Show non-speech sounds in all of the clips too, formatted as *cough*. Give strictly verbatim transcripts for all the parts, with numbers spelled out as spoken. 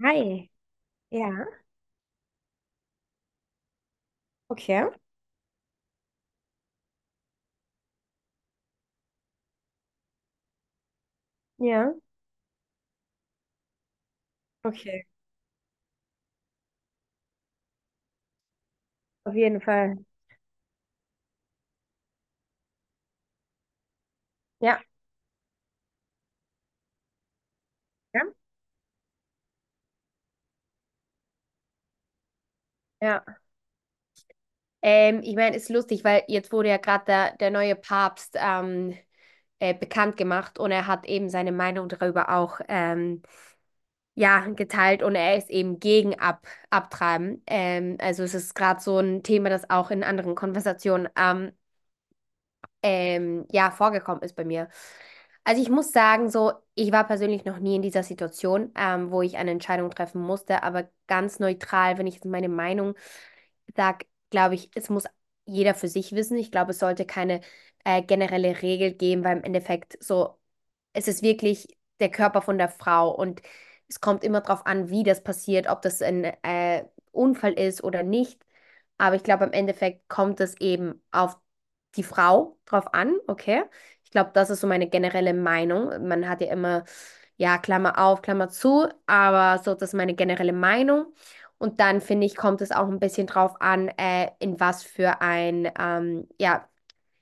Hi. Ja, okay. Ja, okay. Auf jeden Fall. Ja, ja, ja. Ähm, ich meine, ist lustig, weil jetzt wurde ja gerade der, der neue Papst ähm, äh, bekannt gemacht, und er hat eben seine Meinung darüber auch ähm, ja, geteilt, und er ist eben gegen Ab Abtreiben. Ähm, also es ist gerade so ein Thema, das auch in anderen Konversationen ähm, ähm, ja, vorgekommen ist bei mir. Also ich muss sagen, so, ich war persönlich noch nie in dieser Situation, ähm, wo ich eine Entscheidung treffen musste, aber ganz neutral, wenn ich jetzt meine Meinung sage, glaube ich, es muss jeder für sich wissen. Ich glaube, es sollte keine äh, generelle Regel geben, weil im Endeffekt so, es ist wirklich der Körper von der Frau, und es kommt immer darauf an, wie das passiert, ob das ein äh, Unfall ist oder nicht. Aber ich glaube, im Endeffekt kommt es eben auf die Frau drauf an, okay? Ich glaube, das ist so meine generelle Meinung. Man hat ja immer, ja, Klammer auf, Klammer zu, aber so, das ist meine generelle Meinung. Und dann finde ich, kommt es auch ein bisschen drauf an, äh, in was für ein, ähm, ja,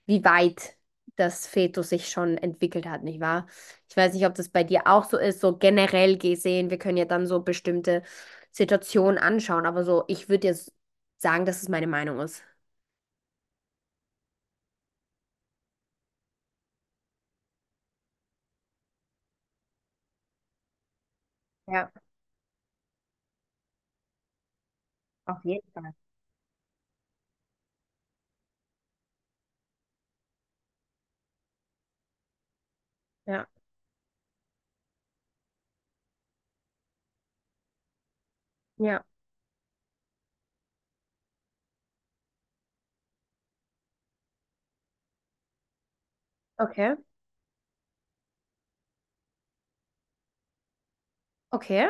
wie weit das Fetus sich schon entwickelt hat, nicht wahr? Ich weiß nicht, ob das bei dir auch so ist, so generell gesehen. Wir können ja dann so bestimmte Situationen anschauen, aber so, ich würde jetzt sagen, dass es meine Meinung ist. Ja, auf jeden Fall. Ja, ja, okay. Okay.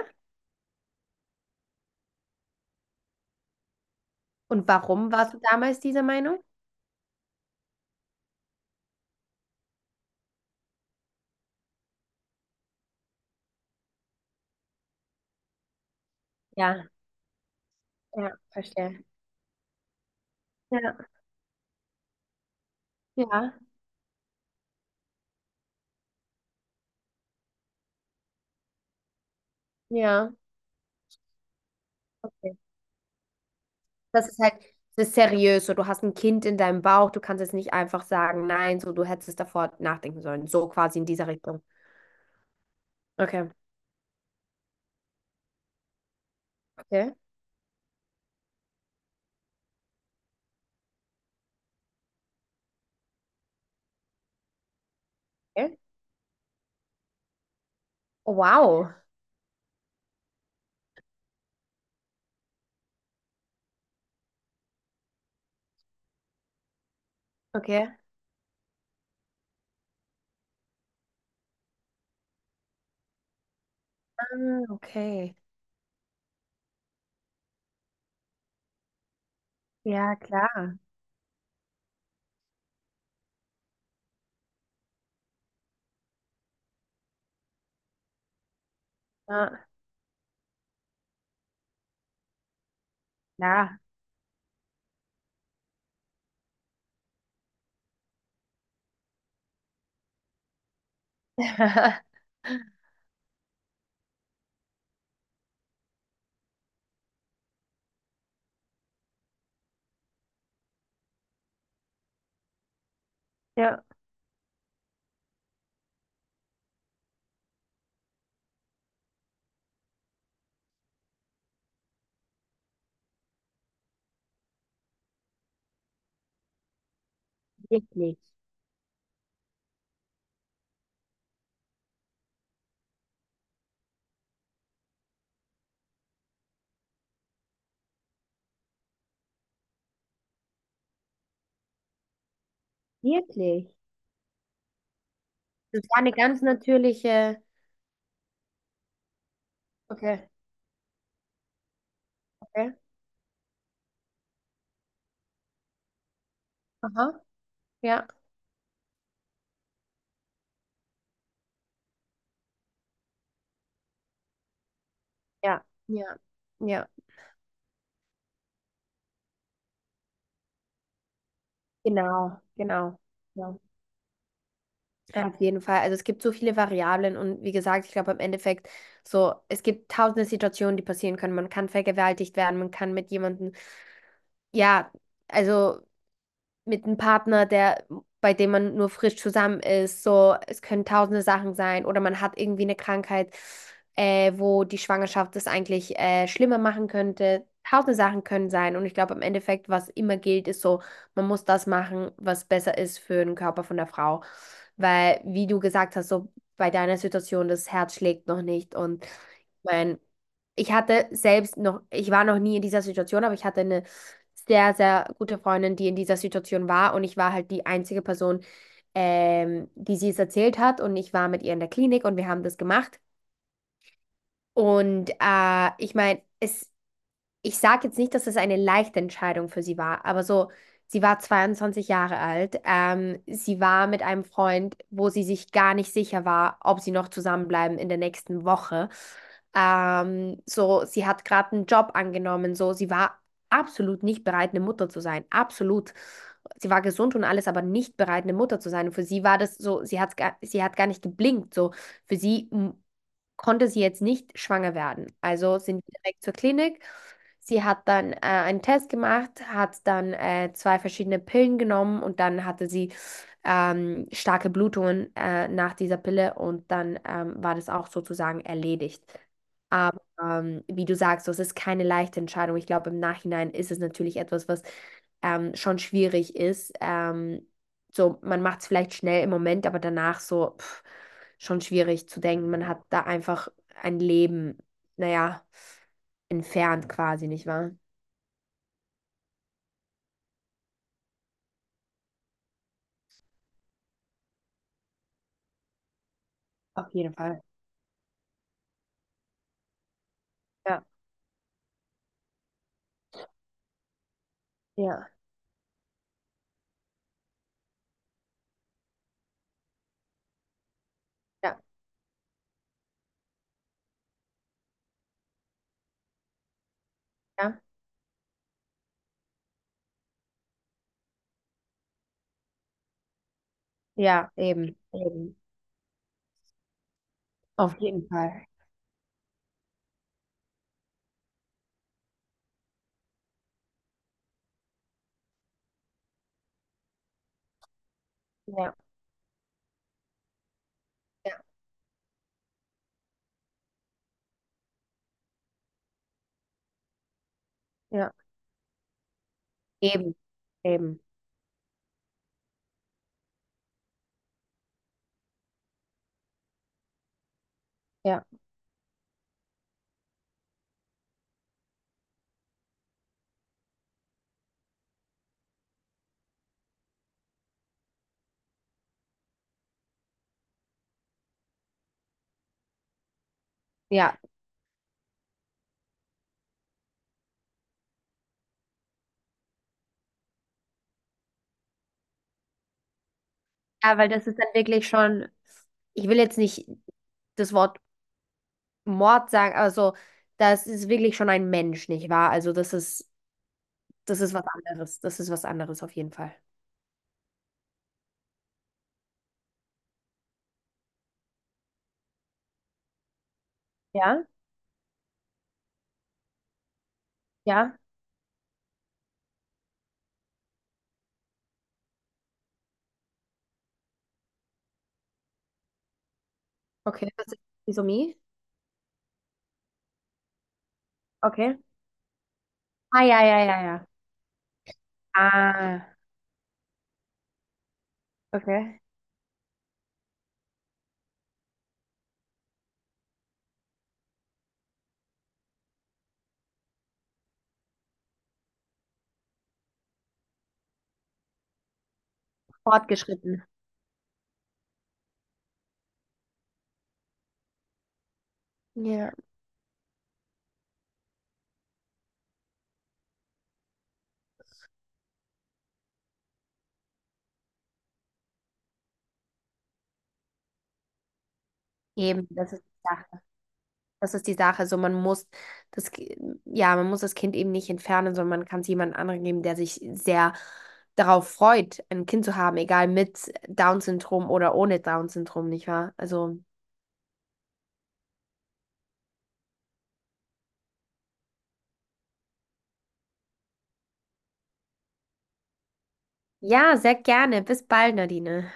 Und warum warst du damals dieser Meinung? Ja, ja, verstehe. Ja, ja, ja. Okay. Das ist halt, das ist seriös. So, du hast ein Kind in deinem Bauch, du kannst jetzt nicht einfach sagen, nein, so, du hättest davor nachdenken sollen. So quasi in dieser Richtung. Okay. Okay. Okay. Oh, wow. Okay. Ah, okay. Ja, klar. Ja. Klar. *laughs* Ja. Wirklich. Wirklich. Das war eine ganz natürliche. Okay. Okay. Aha. Ja. Ja. Ja. Ja. Genau, genau. Ja, ja, auf jeden Fall. Also es gibt so viele Variablen, und wie gesagt, ich glaube im Endeffekt so, es gibt tausende Situationen, die passieren können. Man kann vergewaltigt werden, man kann mit jemandem, ja, also mit einem Partner, der, bei dem man nur frisch zusammen ist. So, es können tausende Sachen sein, oder man hat irgendwie eine Krankheit, äh, wo die Schwangerschaft das eigentlich äh, schlimmer machen könnte. Tausende Sachen können sein. Und ich glaube, im Endeffekt, was immer gilt, ist so, man muss das machen, was besser ist für den Körper von der Frau. Weil, wie du gesagt hast, so bei deiner Situation, das Herz schlägt noch nicht. Und ich meine, ich hatte selbst noch, ich war noch nie in dieser Situation, aber ich hatte eine sehr, sehr gute Freundin, die in dieser Situation war. Und ich war halt die einzige Person, ähm, die sie es erzählt hat. Und ich war mit ihr in der Klinik und wir haben das gemacht. Und äh, ich meine, es ich sage jetzt nicht, dass es eine leichte Entscheidung für sie war, aber so, sie war zweiundzwanzig Jahre alt. Ähm, sie war mit einem Freund, wo sie sich gar nicht sicher war, ob sie noch zusammenbleiben in der nächsten Woche. Ähm, so, sie hat gerade einen Job angenommen, so, sie war absolut nicht bereit, eine Mutter zu sein. Absolut. Sie war gesund und alles, aber nicht bereit, eine Mutter zu sein. Und für sie war das so, sie hat, sie hat gar nicht geblinkt. So, für sie m- konnte sie jetzt nicht schwanger werden. Also sind wir direkt zur Klinik. Sie hat dann äh, einen Test gemacht, hat dann äh, zwei verschiedene Pillen genommen, und dann hatte sie ähm, starke Blutungen äh, nach dieser Pille, und dann ähm, war das auch sozusagen erledigt. Aber ähm, wie du sagst, das ist keine leichte Entscheidung. Ich glaube, im Nachhinein ist es natürlich etwas, was ähm, schon schwierig ist. Ähm, so, man macht es vielleicht schnell im Moment, aber danach so, pff, schon schwierig zu denken. Man hat da einfach ein Leben, naja, entfernt quasi, nicht wahr? Auf jeden Fall. Ja, ja, ja, ja, ja, eben, eben, auf jeden Fall. Ja, ja, ja, eben, eben, ja, ja. Ja, weil das ist dann wirklich schon, ich will jetzt nicht das Wort Mord sagen, aber so, das ist wirklich schon ein Mensch, nicht wahr? Also das ist, das ist was anderes, das ist was anderes auf jeden Fall. Ja, ja, okay, das ist Trisomie. Okay. Ah, ja, ja, ja, ja. Ah, okay. Fortgeschritten. Ja. Eben, das ist die Sache. Das ist die Sache. So, man muss das, Ki- ja, man muss das Kind eben nicht entfernen, sondern man kann es jemand anderen geben, der sich sehr darauf freut, ein Kind zu haben, egal mit Down-Syndrom oder ohne Down-Syndrom, nicht wahr? Also, ja, sehr gerne. Bis bald, Nadine.